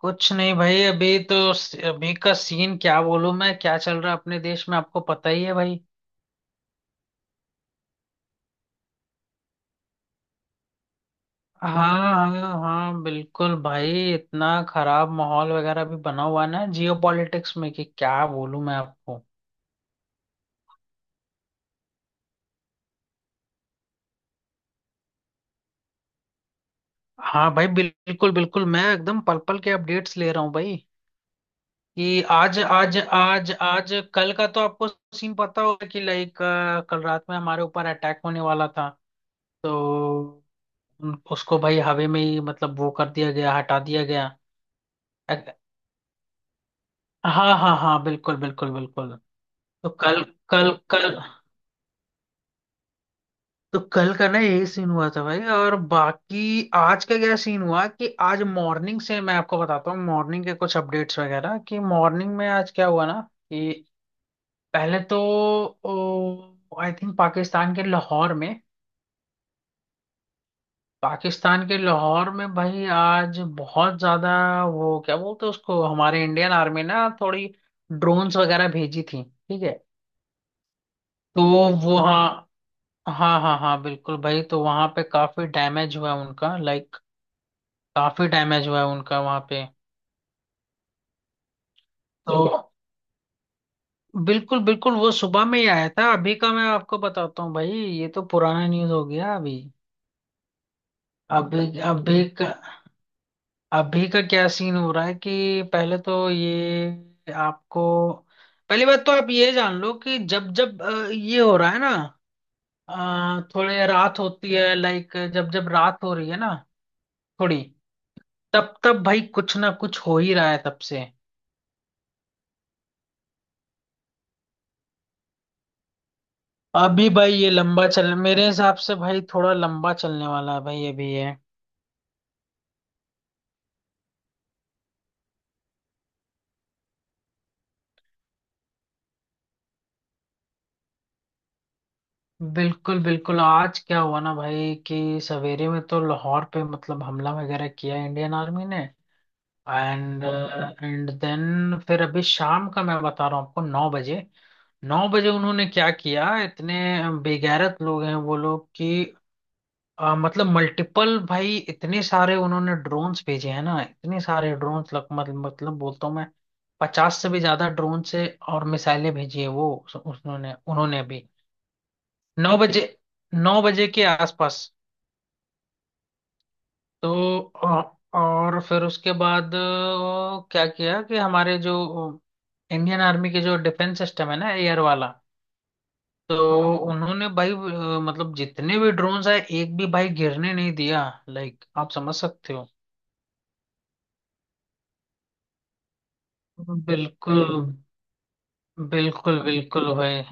कुछ नहीं भाई, अभी तो अभी का सीन क्या बोलूं, मैं क्या चल रहा है अपने देश में आपको पता ही है भाई। हाँ हाँ हाँ, बिल्कुल भाई। इतना खराब माहौल वगैरह भी बना हुआ है ना जियो पॉलिटिक्स में, कि क्या बोलूं मैं आपको। हाँ भाई, बिल्कुल बिल्कुल। मैं एकदम पल पल के अपडेट्स ले रहा हूँ भाई कि आज आज आज आज कल का तो आपको सीन पता होगा कि लाइक कल रात में हमारे ऊपर अटैक होने वाला था। तो उसको भाई हवा में ही मतलब वो कर दिया गया, हटा दिया गया। हाँ हाँ हाँ, बिल्कुल बिल्कुल बिल्कुल। तो कल कल कल तो कल का ना यही सीन हुआ था भाई। और बाकी आज का क्या सीन हुआ कि आज मॉर्निंग से मैं आपको बताता हूँ, मॉर्निंग के कुछ अपडेट्स वगैरह कि मॉर्निंग में आज क्या हुआ ना कि पहले तो आई थिंक पाकिस्तान के लाहौर में, पाकिस्तान के लाहौर में भाई आज बहुत ज्यादा, वो क्या बोलते हैं उसको, हमारे इंडियन आर्मी ना थोड़ी ड्रोन्स वगैरह भेजी थी। ठीक है। तो वो, हाँ। हाँ हाँ हाँ, बिल्कुल भाई। तो वहां पे काफी डैमेज हुआ है उनका, लाइक काफी डैमेज हुआ है उनका वहां पे। तो बिल्कुल बिल्कुल, वो सुबह में ही आया था। अभी का मैं आपको बताता हूँ भाई, ये तो पुराना न्यूज हो गया। अभी अभी अभी का अभी का क्या सीन हो रहा है कि पहले तो ये आपको, पहली बात तो आप ये जान लो कि जब जब ये हो रहा है ना, थोड़े रात होती है, लाइक जब जब रात हो रही है ना थोड़ी, तब तब भाई कुछ ना कुछ हो ही रहा है तब से। अभी भाई ये लंबा चल मेरे हिसाब से भाई थोड़ा लंबा चलने वाला है भाई अभी ये। बिल्कुल बिल्कुल, आज क्या हुआ ना भाई कि सवेरे में तो लाहौर पे मतलब हमला वगैरह किया इंडियन आर्मी ने। एंड एंड देन फिर अभी शाम का मैं बता रहा हूँ आपको, नौ बजे उन्होंने क्या किया। इतने बेगैरत लोग हैं वो लोग कि मतलब मल्टीपल भाई, इतने सारे उन्होंने ड्रोन्स भेजे हैं ना, इतने सारे ड्रोन्स लग मत, मतलब बोलता हूँ मैं। 50 से भी ज्यादा ड्रोन से और मिसाइलें भेजी है वो उन्होंने उन्होंने भी। नौ बजे 9 बजे के आसपास। तो और फिर उसके बाद क्या किया कि हमारे जो इंडियन आर्मी के जो डिफेंस सिस्टम है ना, एयर वाला। तो हाँ उन्होंने भाई मतलब जितने भी ड्रोन्स है एक भी भाई गिरने नहीं दिया, लाइक आप समझ सकते हो। बिल्कुल बिल्कुल बिल्कुल भाई,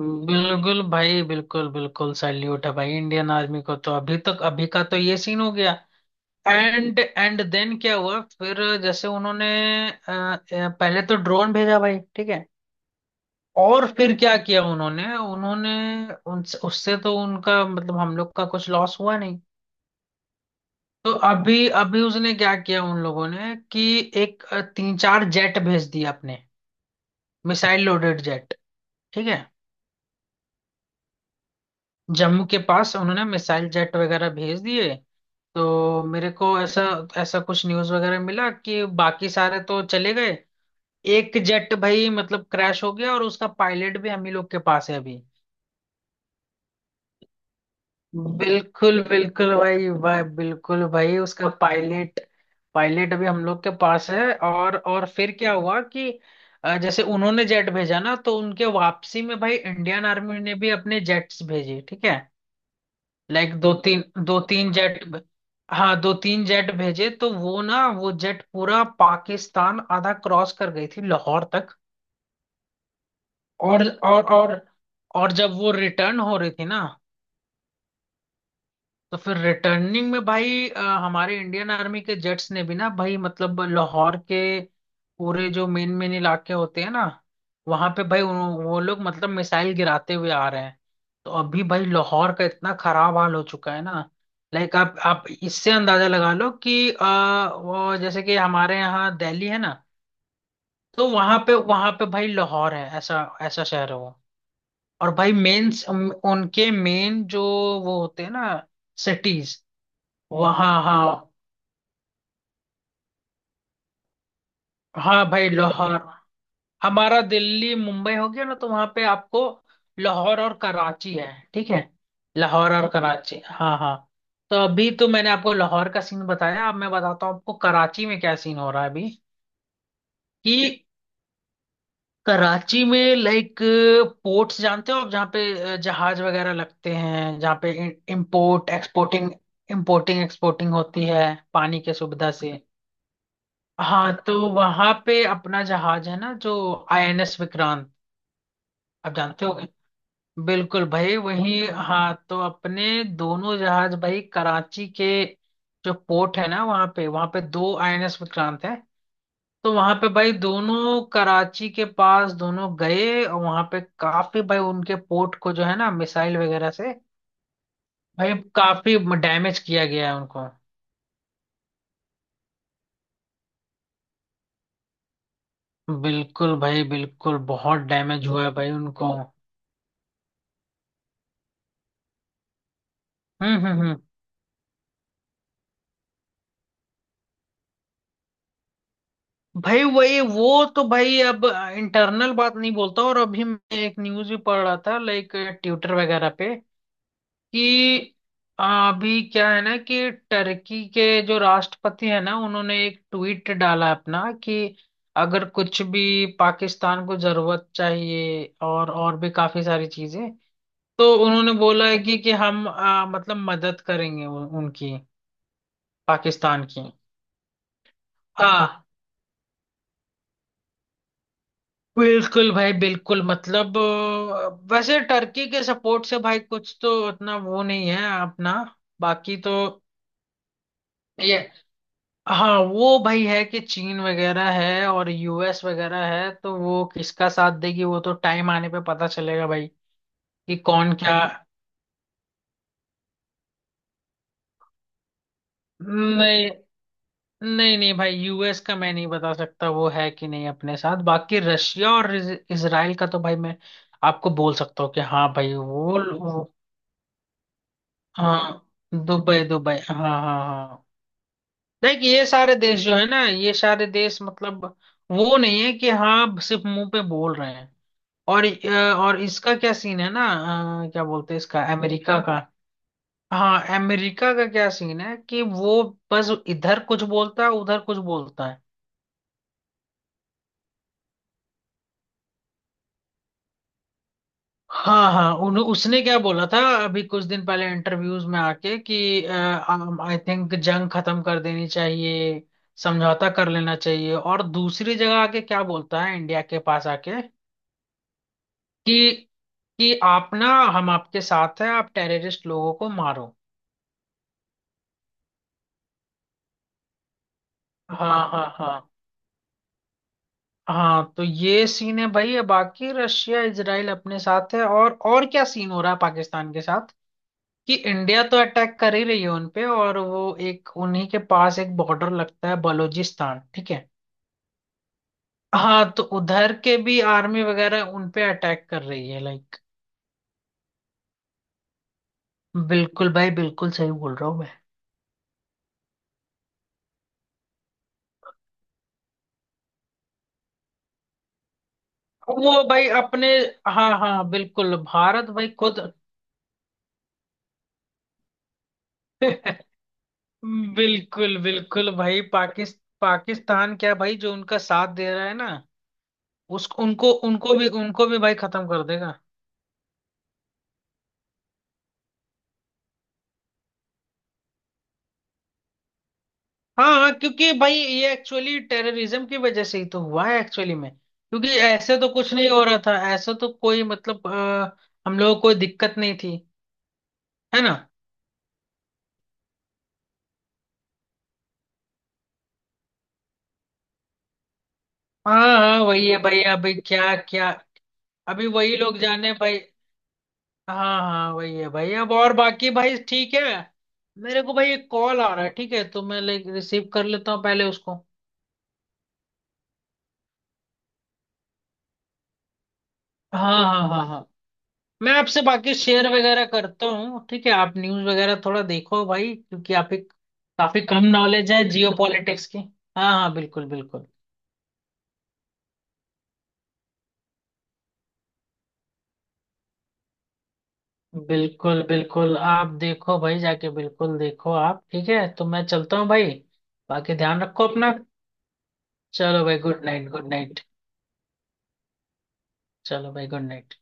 बिल्कुल भाई, बिल्कुल बिल्कुल। सैल्यूट है भाई इंडियन आर्मी को, तो अभी तक अभी का तो ये सीन हो गया। एंड एंड देन क्या हुआ फिर जैसे उन्होंने पहले तो ड्रोन भेजा भाई। ठीक है। और फिर क्या किया उन्होंने उन्होंने, उनसे उससे तो उनका मतलब हम लोग का कुछ लॉस हुआ नहीं। तो अभी अभी उसने क्या किया उन लोगों ने कि तीन चार जेट भेज दिया अपने, मिसाइल लोडेड जेट। ठीक है। जम्मू के पास उन्होंने मिसाइल जेट वगैरह भेज दिए। तो मेरे को ऐसा ऐसा कुछ न्यूज़ वगैरह मिला कि बाकी सारे तो चले गए, एक जेट भाई मतलब क्रैश हो गया और उसका पायलट भी हम ही लोग के पास है अभी। बिल्कुल बिल्कुल भाई, भाई बिल्कुल भाई, उसका पायलट, पायलट अभी हम लोग के पास है। और फिर क्या हुआ कि जैसे उन्होंने जेट भेजा ना, तो उनके वापसी में भाई इंडियन आर्मी ने भी अपने जेट्स भेजे। ठीक है। लाइक दो तीन जेट, हाँ दो तीन जेट भेजे। तो वो ना, वो जेट पूरा पाकिस्तान आधा क्रॉस कर गई थी, लाहौर तक। और और और और जब वो रिटर्न हो रही थी ना, तो फिर रिटर्निंग में भाई हमारे इंडियन आर्मी के जेट्स ने भी ना भाई मतलब लाहौर के पूरे जो मेन मेन इलाके होते हैं ना, वहां पे भाई वो लोग मतलब मिसाइल गिराते हुए आ रहे हैं। तो अभी भाई लाहौर का इतना खराब हाल हो चुका है ना। लाइक आप इससे अंदाजा लगा लो कि वो जैसे कि हमारे यहाँ दिल्ली है ना, तो वहां पे भाई लाहौर है, ऐसा ऐसा शहर है वो। और भाई मेन उनके मेन जो वो होते हैं ना, सिटीज। वहाँ हाँ, हाँ भाई लाहौर, हमारा दिल्ली मुंबई हो गया ना, तो वहां पे आपको लाहौर और कराची है। ठीक है। लाहौर और कराची, हाँ हाँ। तो अभी तो मैंने आपको लाहौर का सीन बताया, अब मैं बताता हूँ आपको कराची में क्या सीन हो रहा है अभी, कि कराची में, लाइक पोर्ट्स जानते हो आप, जहाँ पे जहाज वगैरह लगते हैं, जहाँ पे इम्पोर्ट एक्सपोर्टिंग इम्पोर्टिंग एक्सपोर्टिंग होती है, पानी के सुविधा से। हाँ तो वहां पे अपना जहाज है ना, जो आईएनएस विक्रांत, आप जानते होगे। बिल्कुल भाई, वही। हाँ, तो अपने दोनों जहाज भाई कराची के जो पोर्ट है ना, वहां पे दो आईएनएस विक्रांत है। तो वहां पे भाई दोनों कराची के पास दोनों गए, और वहां पे काफी भाई उनके पोर्ट को जो है ना, मिसाइल वगैरह से भाई काफी डैमेज किया गया है उनको। बिल्कुल भाई, बिल्कुल, बहुत डैमेज हुआ है भाई उनको। हम्म हम्म हम्म भाई वही, वो तो भाई अब इंटरनल बात नहीं बोलता। और अभी मैं एक न्यूज़ भी पढ़ रहा था, लाइक ट्विटर वगैरह पे कि अभी क्या है ना कि टर्की के जो राष्ट्रपति है ना, उन्होंने एक ट्वीट डाला अपना कि अगर कुछ भी पाकिस्तान को जरूरत चाहिए, और भी काफी सारी चीजें, तो उन्होंने बोला है कि हम मतलब मदद करेंगे उनकी, पाकिस्तान की। हाँ बिल्कुल भाई, बिल्कुल, मतलब वैसे टर्की के सपोर्ट से भाई कुछ तो उतना वो नहीं है अपना, बाकी तो ये, हाँ। वो भाई है कि चीन वगैरह है और यूएस वगैरह है, तो वो किसका साथ देगी वो तो टाइम आने पे पता चलेगा भाई, कि कौन क्या। नहीं नहीं नहीं भाई, यूएस का मैं नहीं बता सकता वो है कि नहीं अपने साथ, बाकी रशिया और इसराइल का तो भाई मैं आपको बोल सकता हूँ कि हाँ भाई वो। हाँ, दुबई दुबई, हाँ हाँ हाँ। देख, ये सारे देश जो है ना, ये सारे देश मतलब वो नहीं है कि हाँ, सिर्फ मुंह पे बोल रहे हैं। और और इसका क्या सीन है ना, क्या बोलते हैं इसका, अमेरिका का। हाँ, अमेरिका का क्या सीन है कि वो बस इधर कुछ बोलता है, उधर कुछ बोलता है। हाँ हाँ, उसने क्या बोला था अभी कुछ दिन पहले इंटरव्यूज में आके कि आई थिंक जंग खत्म कर देनी चाहिए, समझौता कर लेना चाहिए, और दूसरी जगह आके क्या बोलता है इंडिया के पास आके कि कि आप ना, हम आपके साथ है, आप टेररिस्ट लोगों को मारो। हाँ हाँ हाँ हाँ। तो ये सीन है भाई, बाकी रशिया इजराइल अपने साथ है, और क्या सीन हो रहा है पाकिस्तान के साथ कि इंडिया तो अटैक कर ही रही है उन पे, और वो एक उन्हीं के पास एक बॉर्डर लगता है, बलूचिस्तान। ठीक है। हाँ, तो उधर के भी आर्मी वगैरह उन पे अटैक कर रही है, लाइक। बिल्कुल भाई, बिल्कुल, सही बोल रहा हूँ मैं। वो भाई अपने, हाँ हाँ बिल्कुल, भारत भाई खुद बिल्कुल बिल्कुल भाई, पाकिस्तान पाकिस्तान क्या भाई, जो उनका साथ दे रहा है ना, उस उनको उनको भी भाई खत्म कर देगा। हाँ हाँ, क्योंकि भाई ये एक्चुअली टेररिज्म की वजह से ही तो हुआ है, एक्चुअली में, क्योंकि ऐसे तो कुछ नहीं हो रहा था, ऐसे तो कोई मतलब हम लोगों को कोई दिक्कत नहीं थी, है ना। हाँ हाँ, वही है भाई अभी, क्या क्या। अभी वही लोग जाने भाई। हाँ हाँ, वही है भाई अब, और बाकी भाई ठीक है, मेरे को भाई एक कॉल आ रहा है, ठीक है, तो मैं लाइक रिसीव कर लेता हूँ पहले उसको। हाँ हाँ हाँ हाँ। मैं आपसे बाकी शेयर वगैरह करता हूँ, ठीक है, आप न्यूज़ वगैरह थोड़ा देखो भाई, क्योंकि आप एक काफी कम नॉलेज है जियो पॉलिटिक्स की। हाँ हाँ, बिल्कुल बिल्कुल बिल्कुल बिल्कुल। आप देखो भाई, जाके बिल्कुल देखो आप, ठीक है, तो मैं चलता हूँ भाई, बाकी ध्यान रखो अपना। चलो भाई, गुड नाइट, गुड नाइट। चलो भाई, गुड नाइट।